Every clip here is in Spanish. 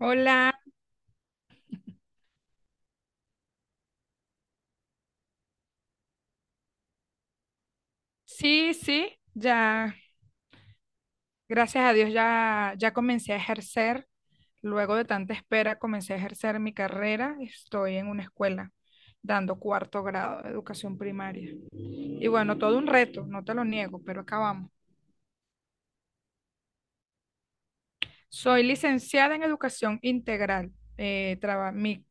Hola, sí, sí, ya, gracias a Dios ya, ya comencé a ejercer. Luego de tanta espera, comencé a ejercer mi carrera. Estoy en una escuela dando cuarto grado de educación primaria. Y bueno, todo un reto, no te lo niego, pero acabamos. Soy licenciada en educación integral. Eh, traba- mi,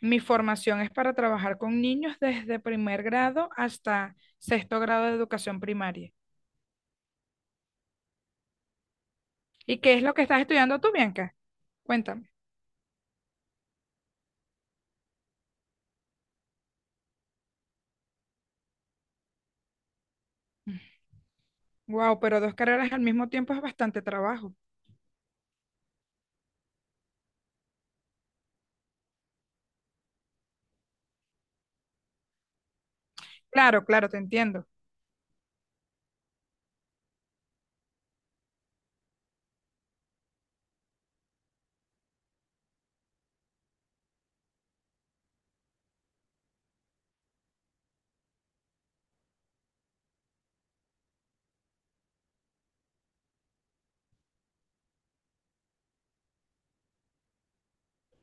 mi formación es para trabajar con niños desde primer grado hasta sexto grado de educación primaria. ¿Y qué es lo que estás estudiando tú, Bianca? Cuéntame. Wow, pero dos carreras al mismo tiempo es bastante trabajo. Claro, claro, te entiendo.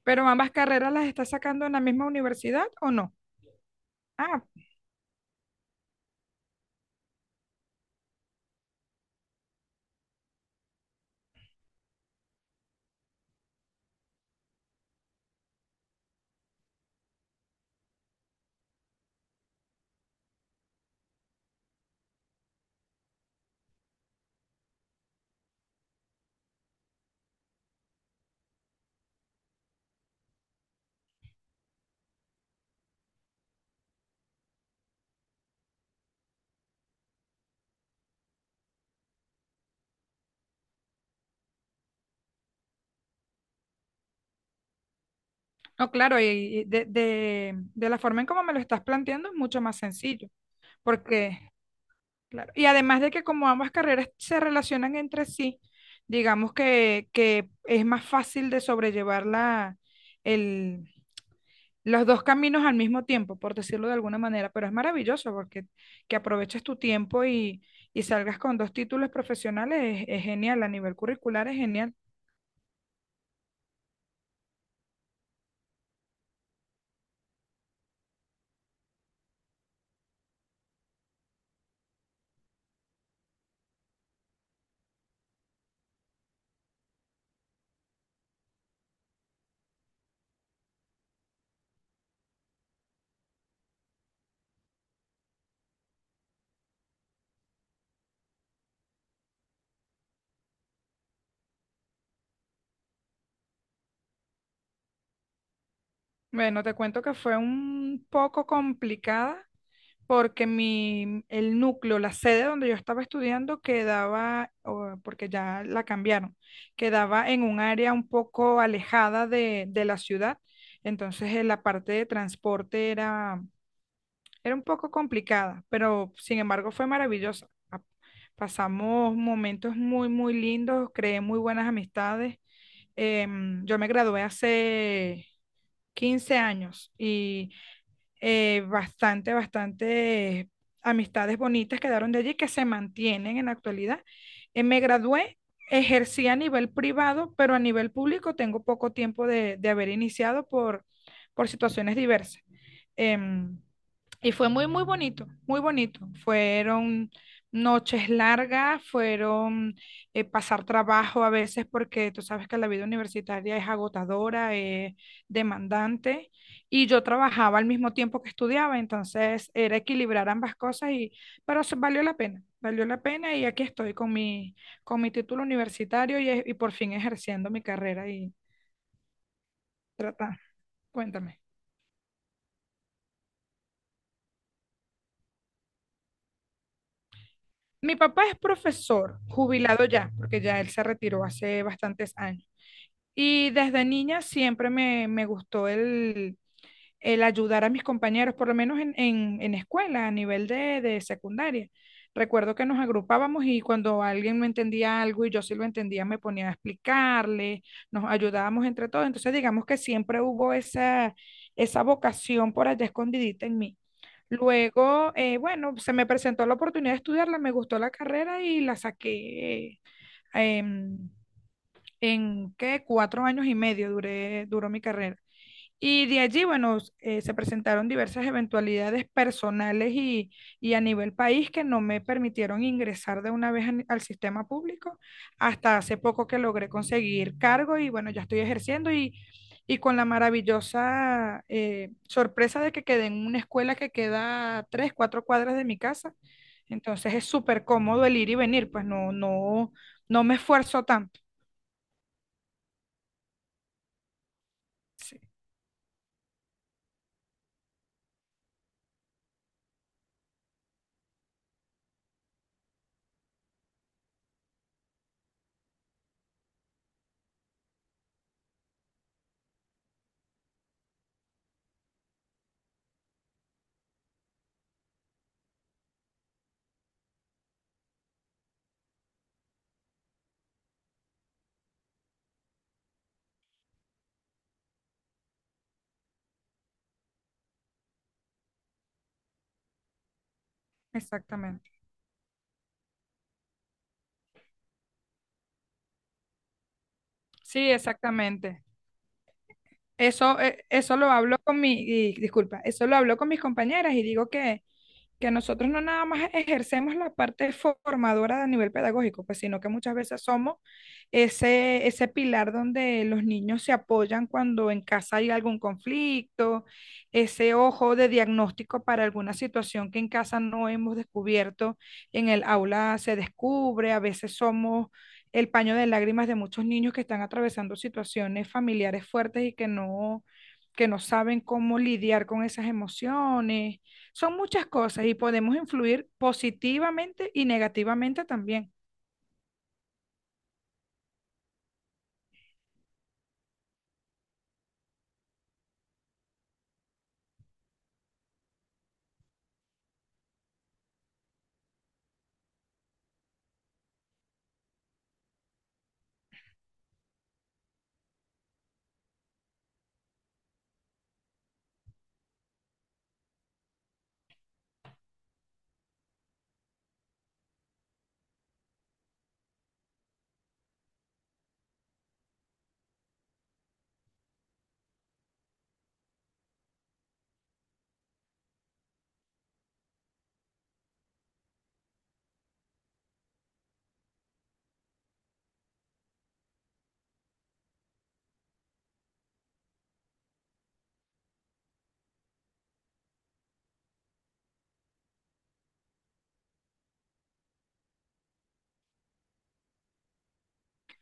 ¿Pero ambas carreras las estás sacando en la misma universidad o no? Ah, no, claro, y de la forma en como me lo estás planteando es mucho más sencillo, porque, claro, y además de que como ambas carreras se relacionan entre sí, digamos que es más fácil de sobrellevar la, el los dos caminos al mismo tiempo, por decirlo de alguna manera, pero es maravilloso porque que aproveches tu tiempo y salgas con dos títulos profesionales es genial, a nivel curricular es genial. Bueno, te cuento que fue un poco complicada porque el núcleo, la sede donde yo estaba estudiando quedaba, porque ya la cambiaron, quedaba en un área un poco alejada de la ciudad. Entonces, la parte de transporte era un poco complicada, pero sin embargo fue maravillosa. Pasamos momentos muy, muy lindos, creé muy buenas amistades. Yo me gradué hace 15 años y bastante, bastante amistades bonitas quedaron de allí que se mantienen en la actualidad. Me gradué, ejercí a nivel privado, pero a nivel público tengo poco tiempo de haber iniciado por situaciones diversas. Em, y fue muy, muy bonito, muy bonito. Fueron noches largas, fueron pasar trabajo a veces porque tú sabes que la vida universitaria es agotadora, es demandante. Y yo trabajaba al mismo tiempo que estudiaba, entonces era equilibrar ambas cosas, y, pero valió la pena y aquí estoy con mi título universitario y, y por fin ejerciendo mi carrera y trata. Cuéntame. Mi papá es profesor, jubilado ya, porque ya él se retiró hace bastantes años. Y desde niña siempre me gustó el ayudar a mis compañeros, por lo menos en escuela, a nivel de secundaria. Recuerdo que nos agrupábamos y cuando alguien no entendía algo y yo sí lo entendía, me ponía a explicarle, nos ayudábamos entre todos. Entonces, digamos que siempre hubo esa vocación por allá escondidita en mí. Luego, bueno, se me presentó la oportunidad de estudiarla, me gustó la carrera y la saqué en, ¿qué? 4 años y medio duré, duró mi carrera. Y de allí, bueno, se presentaron diversas eventualidades personales y a nivel país que no me permitieron ingresar de una vez al sistema público hasta hace poco que logré conseguir cargo y bueno, ya estoy ejerciendo y con la maravillosa sorpresa de que quedé en una escuela que queda a 3, 4 cuadras de mi casa. Entonces es súper cómodo el ir y venir, pues no, no, no me esfuerzo tanto. Sí, exactamente. Sí, exactamente. Eso, eso lo hablo con mi, y disculpa, eso lo hablo con mis compañeras y digo que nosotros no nada más ejercemos la parte formadora a nivel pedagógico, pues, sino que muchas veces somos ese pilar donde los niños se apoyan cuando en casa hay algún conflicto, ese ojo de diagnóstico para alguna situación que en casa no hemos descubierto, en el aula se descubre, a veces somos el paño de lágrimas de muchos niños que están atravesando situaciones familiares fuertes y que no saben cómo lidiar con esas emociones. Son muchas cosas y podemos influir positivamente y negativamente también.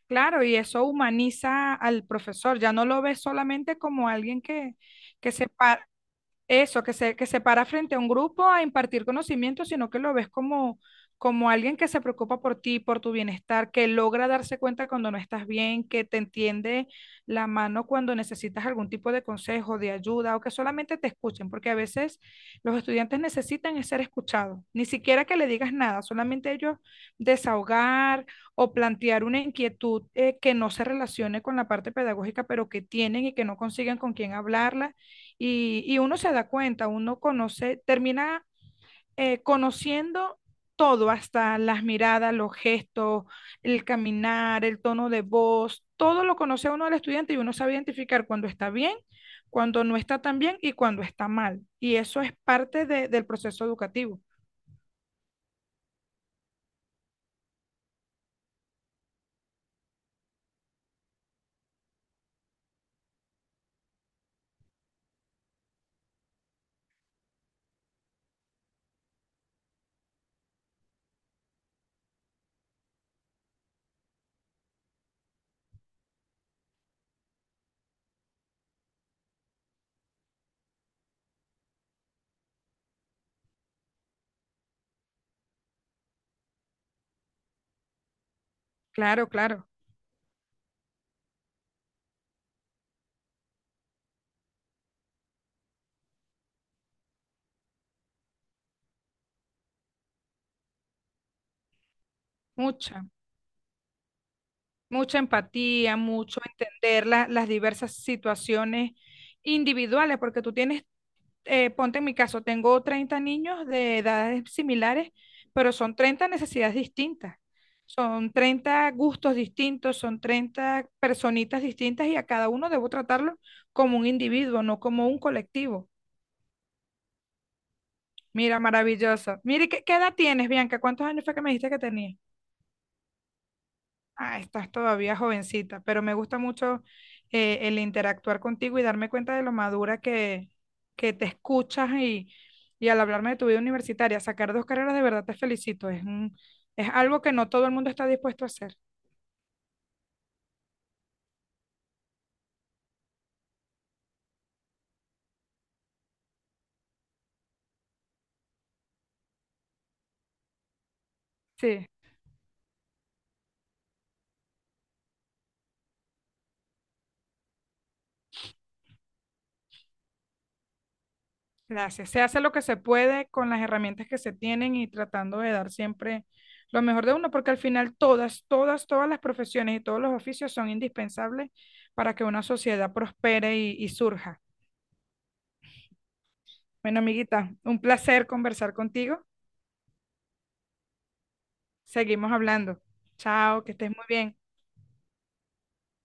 Claro, y eso humaniza al profesor, ya no lo ves solamente como alguien que se, pa- Eso, que se para frente a un grupo a impartir conocimiento, sino que lo ves como, como alguien que se preocupa por ti, por tu bienestar, que logra darse cuenta cuando no estás bien, que te entiende la mano cuando necesitas algún tipo de consejo, de ayuda o que solamente te escuchen, porque a veces los estudiantes necesitan es ser escuchados, ni siquiera que le digas nada, solamente ellos desahogar o plantear una inquietud que no se relacione con la parte pedagógica, pero que tienen y que no consiguen con quién hablarla y uno se da cuenta, uno conoce, termina conociendo todo, hasta las miradas, los gestos, el caminar, el tono de voz, todo lo conoce uno del estudiante y uno sabe identificar cuando está bien, cuando no está tan bien y cuando está mal. Y eso es parte de- del proceso educativo. Claro, claro, mucha, mucha empatía, mucho entender las diversas situaciones individuales, porque tú tienes ponte en mi caso, tengo 30 niños de edades similares, pero son 30 necesidades distintas, son 30 gustos distintos, son 30 personitas distintas y a cada uno debo tratarlo como un individuo, no como un colectivo. Mira, maravilloso. Mire, ¿qué, edad tienes, Bianca? ¿Cuántos años fue que me dijiste que tenías? Ah, estás todavía jovencita, pero me gusta mucho el interactuar contigo y darme cuenta de lo madura que te escuchas y al hablarme de tu vida universitaria, sacar dos carreras de verdad te felicito. Es es algo que no todo el mundo está dispuesto a hacer. Sí, gracias. Se hace lo que se puede con las herramientas que se tienen y tratando de dar siempre lo mejor de uno, porque al final todas, todas, todas las profesiones y todos los oficios son indispensables para que una sociedad prospere y surja. Bueno, amiguita, un placer conversar contigo. Seguimos hablando. Chao, que estés muy bien.